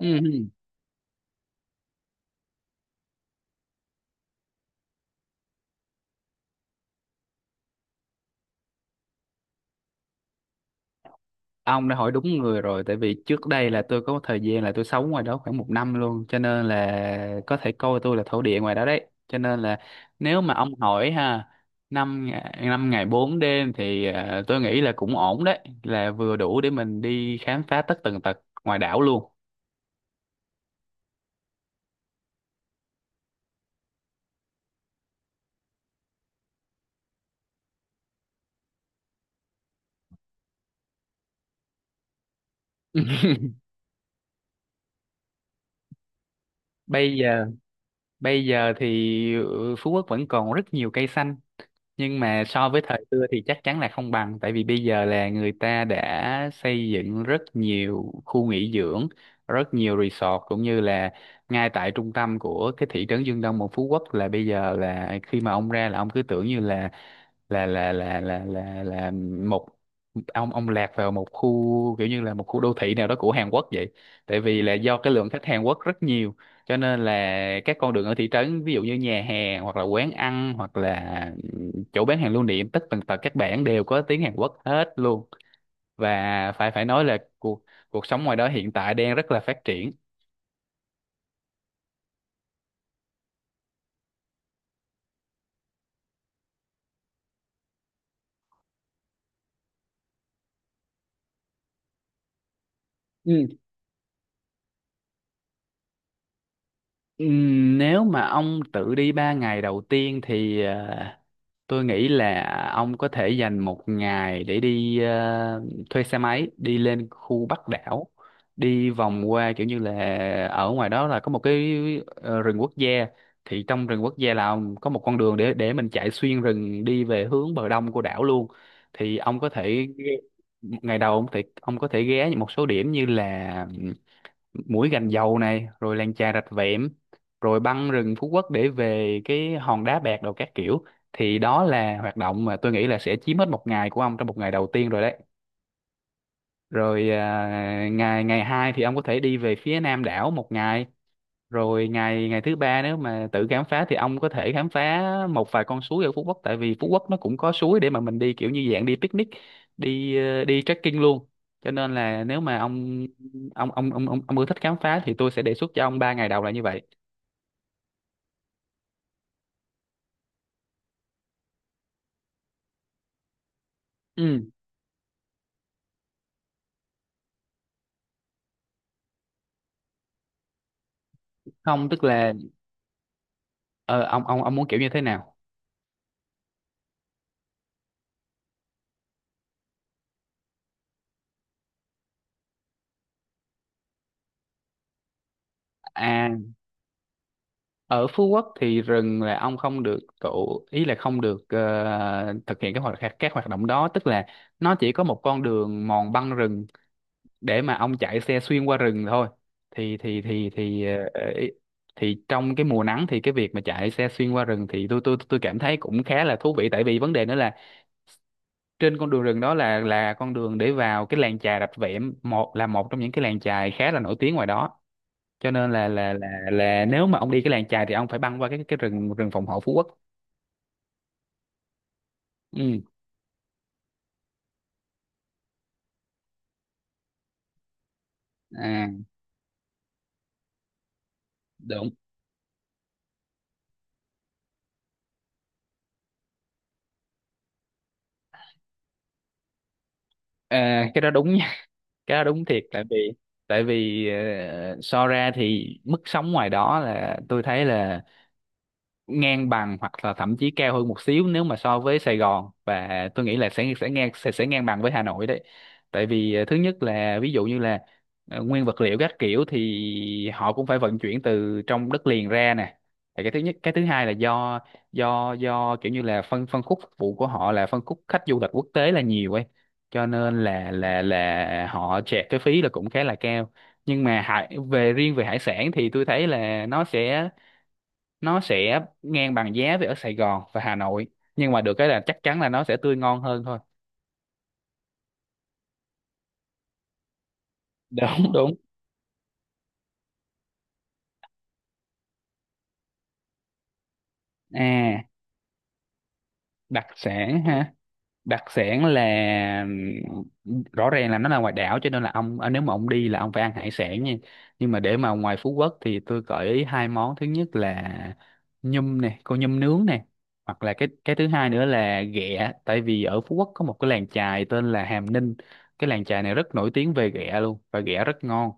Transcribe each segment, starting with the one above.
Ừ. Ông đã hỏi đúng người rồi tại vì trước đây là tôi có một thời gian là tôi sống ngoài đó khoảng một năm luôn, cho nên là có thể coi tôi là thổ địa ngoài đó đấy. Cho nên là nếu mà ông hỏi ha, năm ngày bốn đêm thì tôi nghĩ là cũng ổn đấy, là vừa đủ để mình đi khám phá tất tần tật ngoài đảo luôn. bây giờ Bây giờ thì Phú Quốc vẫn còn rất nhiều cây xanh, nhưng mà so với thời xưa thì chắc chắn là không bằng, tại vì bây giờ là người ta đã xây dựng rất nhiều khu nghỉ dưỡng, rất nhiều resort, cũng như là ngay tại trung tâm của cái thị trấn Dương Đông một Phú Quốc là bây giờ, là khi mà ông ra là ông cứ tưởng như là là là là là là là một ông lạc vào một khu kiểu như là một khu đô thị nào đó của Hàn Quốc vậy. Tại vì là do cái lượng khách Hàn Quốc rất nhiều, cho nên là các con đường ở thị trấn, ví dụ như nhà hàng hoặc là quán ăn, hoặc là chỗ bán hàng lưu niệm, tất tần tật các bạn đều có tiếng Hàn Quốc hết luôn. Và phải phải nói là cuộc cuộc sống ngoài đó hiện tại đang rất là phát triển. Ừ. Nếu mà ông tự đi ba ngày đầu tiên thì tôi nghĩ là ông có thể dành một ngày để đi, thuê xe máy đi lên khu Bắc đảo, đi vòng qua kiểu như là, ở ngoài đó là có một cái rừng quốc gia. Thì trong rừng quốc gia là ông có một con đường để mình chạy xuyên rừng đi về hướng bờ đông của đảo luôn. Thì ông có thể, ngày đầu ông thì ông có thể ghé một số điểm như là mũi Gành Dầu này, rồi làng chài Rạch Vẹm, rồi băng rừng Phú Quốc để về cái hòn đá bạc đồ các kiểu. Thì đó là hoạt động mà tôi nghĩ là sẽ chiếm hết một ngày của ông trong một ngày đầu tiên rồi đấy. Rồi à, ngày ngày hai thì ông có thể đi về phía Nam đảo một ngày. Rồi ngày ngày thứ ba, nếu mà tự khám phá thì ông có thể khám phá một vài con suối ở Phú Quốc, tại vì Phú Quốc nó cũng có suối để mà mình đi kiểu như dạng đi picnic, đi đi trekking luôn. Cho nên là nếu mà ông ưa thích khám phá thì tôi sẽ đề xuất cho ông ba ngày đầu là như vậy. Ừ, không, tức là ờ, ông muốn kiểu như thế nào? À, ở Phú Quốc thì rừng là ông không được, tụ ý là không được thực hiện các hoạt động đó. Tức là nó chỉ có một con đường mòn băng rừng để mà ông chạy xe xuyên qua rừng thôi. Thì thì trong cái mùa nắng thì cái việc mà chạy xe xuyên qua rừng thì tôi cảm thấy cũng khá là thú vị. Tại vì vấn đề nữa là trên con đường rừng đó là con đường để vào cái làng chài Rạch Vẹm, một là một trong những cái làng chài khá là nổi tiếng ngoài đó. Cho nên là nếu mà ông đi cái làng chài thì ông phải băng qua cái rừng rừng phòng hộ Phú Quốc. Ừ. À, đúng. À, cái đó đúng nha, cái đó đúng thiệt. Tại vì so ra thì mức sống ngoài đó là tôi thấy là ngang bằng hoặc là thậm chí cao hơn một xíu nếu mà so với Sài Gòn, và tôi nghĩ là sẽ sẽ ngang bằng với Hà Nội đấy. Tại vì ờ, thứ nhất là ví dụ như là nguyên vật liệu các kiểu thì họ cũng phải vận chuyển từ trong đất liền ra nè. Thì cái thứ nhất, cái thứ hai là do kiểu như là phân phân khúc phục vụ của họ là phân khúc khách du lịch quốc tế là nhiều ấy, cho nên là họ chẹt cái phí là cũng khá là cao. Nhưng mà hải, về riêng về hải sản thì tôi thấy là nó sẽ ngang bằng giá với ở Sài Gòn và Hà Nội, nhưng mà được cái là chắc chắn là nó sẽ tươi ngon hơn thôi. Đúng, đúng. À, đặc sản ha. Đặc sản là, rõ ràng là nó là ngoài đảo, cho nên là ông, à, nếu mà ông đi là ông phải ăn hải sản nha. Nhưng mà để mà ngoài Phú Quốc thì tôi gợi ý hai món. Thứ nhất là nhum nè, con nhum nướng nè. Hoặc là cái thứ hai nữa là ghẹ, tại vì ở Phú Quốc có một cái làng chài tên là Hàm Ninh. Cái làng chài này rất nổi tiếng về ghẹ luôn, và ghẹ rất ngon.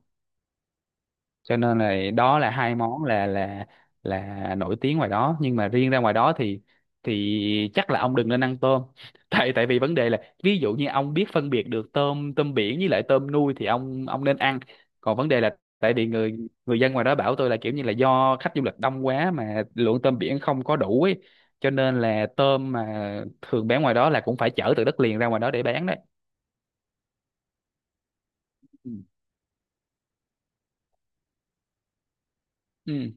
Cho nên là đó là hai món là nổi tiếng ngoài đó. Nhưng mà riêng ra ngoài đó thì chắc là ông đừng nên ăn tôm, tại, tại vì vấn đề là ví dụ như ông biết phân biệt được tôm tôm biển với lại tôm nuôi thì ông nên ăn. Còn vấn đề là tại vì người người dân ngoài đó bảo tôi là kiểu như là do khách du lịch đông quá mà lượng tôm biển không có đủ ấy, cho nên là tôm mà thường bán ngoài đó là cũng phải chở từ đất liền ra ngoài đó để bán đấy. Ừ. Ừ.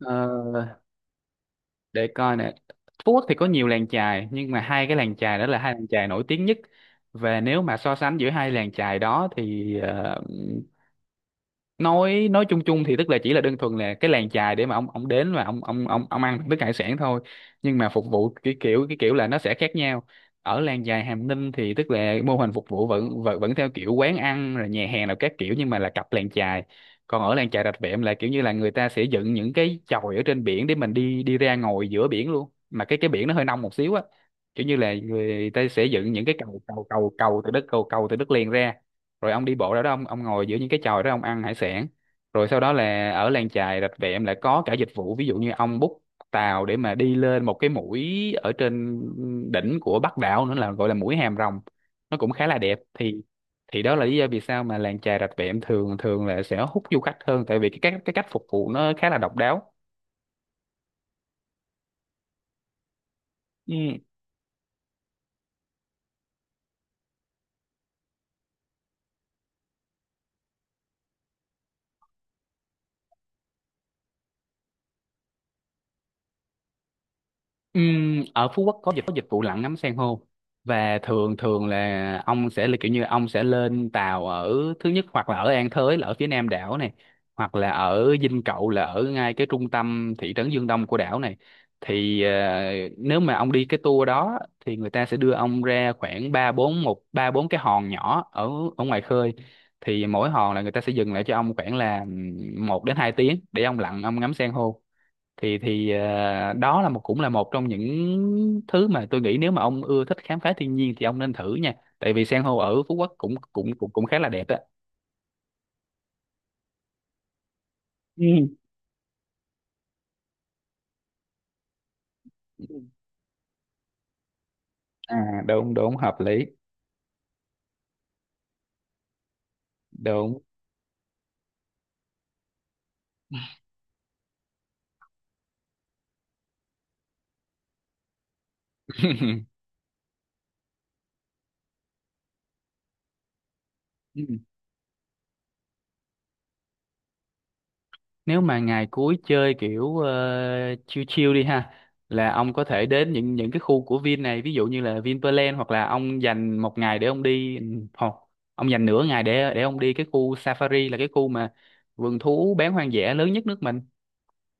Ờ, để coi nè, Phú Quốc thì có nhiều làng chài nhưng mà hai cái làng chài đó là hai làng chài nổi tiếng nhất. Và nếu mà so sánh giữa hai làng chài đó thì nói chung chung thì tức là chỉ là đơn thuần là cái làng chài để mà ông đến và ông ăn thức hải sản thôi, nhưng mà phục vụ cái kiểu là nó sẽ khác nhau. Ở làng chài Hàm Ninh thì tức là mô hình phục vụ vẫn vẫn, vẫn theo kiểu quán ăn rồi nhà hàng nào các kiểu, nhưng mà là cặp làng chài. Còn ở làng chài Rạch Vẹm là kiểu như là người ta sẽ dựng những cái chòi ở trên biển để mình đi đi ra ngồi giữa biển luôn, mà cái biển nó hơi nông một xíu á. Kiểu như là người ta sẽ dựng những cái cầu cầu cầu cầu từ đất, cầu cầu từ đất liền ra, rồi ông đi bộ ra đó, ông ngồi giữa những cái chòi đó, ông ăn hải sản. Rồi sau đó là ở làng chài Rạch Vẹm lại có cả dịch vụ, ví dụ như ông book tàu để mà đi lên một cái mũi ở trên đỉnh của Bắc đảo nữa, là gọi là mũi Hàm Rồng, nó cũng khá là đẹp. Thì đó là lý do vì sao mà làng chài Rạch Vẹm thường thường là sẽ hút du khách hơn, tại vì cái cách phục vụ nó khá là độc đáo. Ừ. Ở Phú Quốc có có dịch vụ lặn ngắm san hô, và thường thường là ông sẽ là kiểu như ông sẽ lên tàu ở, thứ nhất hoặc là ở An Thới là ở phía nam đảo này, hoặc là ở Dinh Cậu là ở ngay cái trung tâm thị trấn Dương Đông của đảo này. Thì ờ, nếu mà ông đi cái tour đó thì người ta sẽ đưa ông ra khoảng ba bốn, ba bốn cái hòn nhỏ ở ở ngoài khơi. Thì mỗi hòn là người ta sẽ dừng lại cho ông khoảng là một đến hai tiếng để ông lặn, ông ngắm san hô. Thì đó là một, cũng là một trong những thứ mà tôi nghĩ nếu mà ông ưa thích khám phá thiên nhiên thì ông nên thử nha, tại vì san hô ở Phú Quốc cũng cũng cũng cũng khá là đẹp đó. Ừ. À, đúng đúng, hợp lý. Đúng. Ừ. Nếu mà ngày cuối chơi kiểu chill chill đi ha, là ông có thể đến những cái khu của Vin này, ví dụ như là Vinpearl, hoặc là ông dành một ngày để ông đi, hoặc ông dành nửa ngày để ông đi cái khu Safari, là cái khu mà vườn thú bán hoang dã lớn nhất nước mình.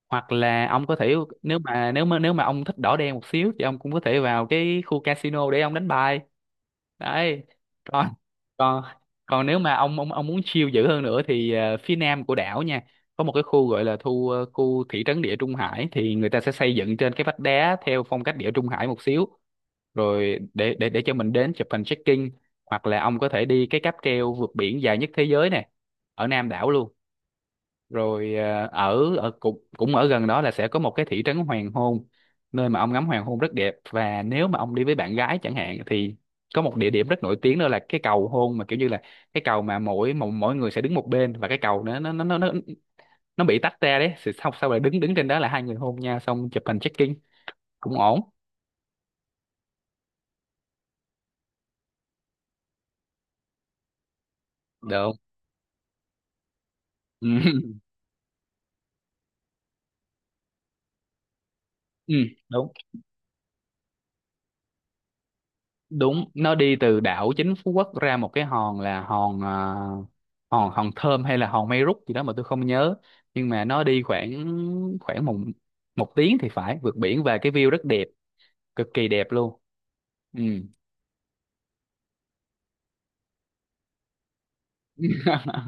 Hoặc là ông có thể, nếu mà ông thích đỏ đen một xíu thì ông cũng có thể vào cái khu casino để ông đánh bài, đấy. Còn, còn, còn nếu mà ông muốn chill dữ hơn nữa thì phía nam của đảo nha, có một cái khu gọi là thu khu thị trấn Địa Trung Hải, thì người ta sẽ xây dựng trên cái vách đá theo phong cách Địa Trung Hải một xíu, rồi để cho mình đến chụp hình check-in. Hoặc là ông có thể đi cái cáp treo vượt biển dài nhất thế giới này, ở nam đảo luôn. Rồi à, ở ở cũng cũng ở gần đó là sẽ có một cái thị trấn hoàng hôn, nơi mà ông ngắm hoàng hôn rất đẹp, và nếu mà ông đi với bạn gái chẳng hạn thì có một địa điểm rất nổi tiếng, đó là cái Cầu Hôn, mà kiểu như là cái cầu mà mỗi mỗi, mỗi người sẽ đứng một bên, và cái cầu nó nó bị tách ra đấy. Thì sau sau là đứng đứng trên đó là hai người hôn nhau xong chụp hình check-in cũng ổn. Được không? ừ, đúng, đúng, nó đi từ đảo chính Phú Quốc ra một cái hòn, là hòn hòn hòn Thơm hay là hòn Mây Rút gì đó mà tôi không nhớ. Nhưng mà nó đi khoảng, khoảng một một tiếng thì phải vượt biển, và cái view rất đẹp, cực kỳ đẹp luôn. Ừ.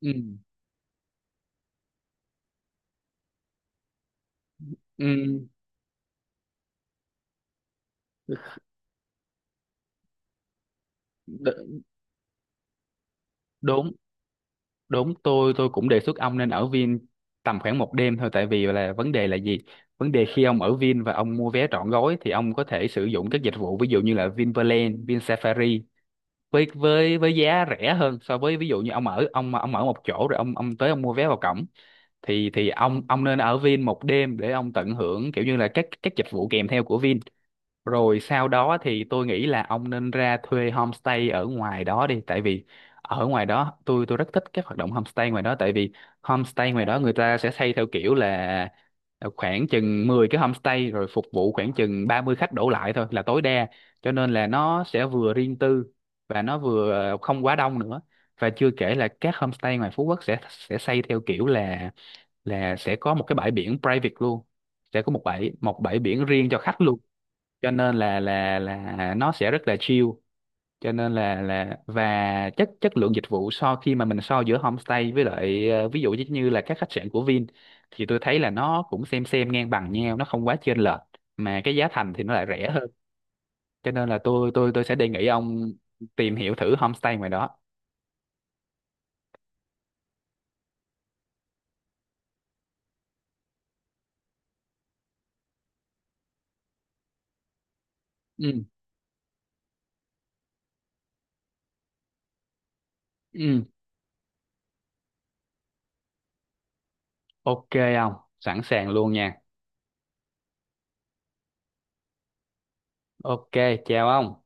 Ừ. Ừ. đ- Đúng, đúng, tôi cũng đề xuất ông nên ở Vin tầm khoảng một đêm thôi, tại vì là, vấn đề là gì, vấn đề khi ông ở Vin và ông mua vé trọn gói thì ông có thể sử dụng các dịch vụ, ví dụ như là Vinpearl, Vin Safari, với giá rẻ hơn, so với ví dụ như ông ở, ông ở một chỗ rồi ông tới ông mua vé vào cổng, thì thì ông nên ở Vin một đêm để ông tận hưởng kiểu như là các dịch vụ kèm theo của Vin. Rồi sau đó thì tôi nghĩ là ông nên ra thuê homestay ở ngoài đó đi, tại vì ở ngoài đó tôi rất thích các hoạt động homestay ngoài đó, tại vì homestay ngoài đó người ta sẽ xây theo kiểu là khoảng chừng 10 cái homestay rồi phục vụ khoảng chừng 30 khách đổ lại thôi là tối đa. Cho nên là nó sẽ vừa riêng tư, và nó vừa không quá đông nữa. Và chưa kể là các homestay ngoài Phú Quốc sẽ xây theo kiểu là sẽ có một cái bãi biển private luôn, sẽ có một bãi, một bãi biển riêng cho khách luôn. Cho nên là là nó sẽ rất là chill. Cho nên là và chất chất lượng dịch vụ, so khi mà mình so giữa homestay với lại ví dụ như như các khách sạn của Vin, thì tôi thấy là nó cũng xem ngang bằng nhau, nó không quá chênh lệch, mà cái giá thành thì nó lại rẻ hơn. Cho nên là tôi tôi sẽ đề nghị ông tìm hiểu thử homestay ngoài đó. Ừ. Ừ. Ok, ông sẵn sàng luôn nha. Ok, chào ông.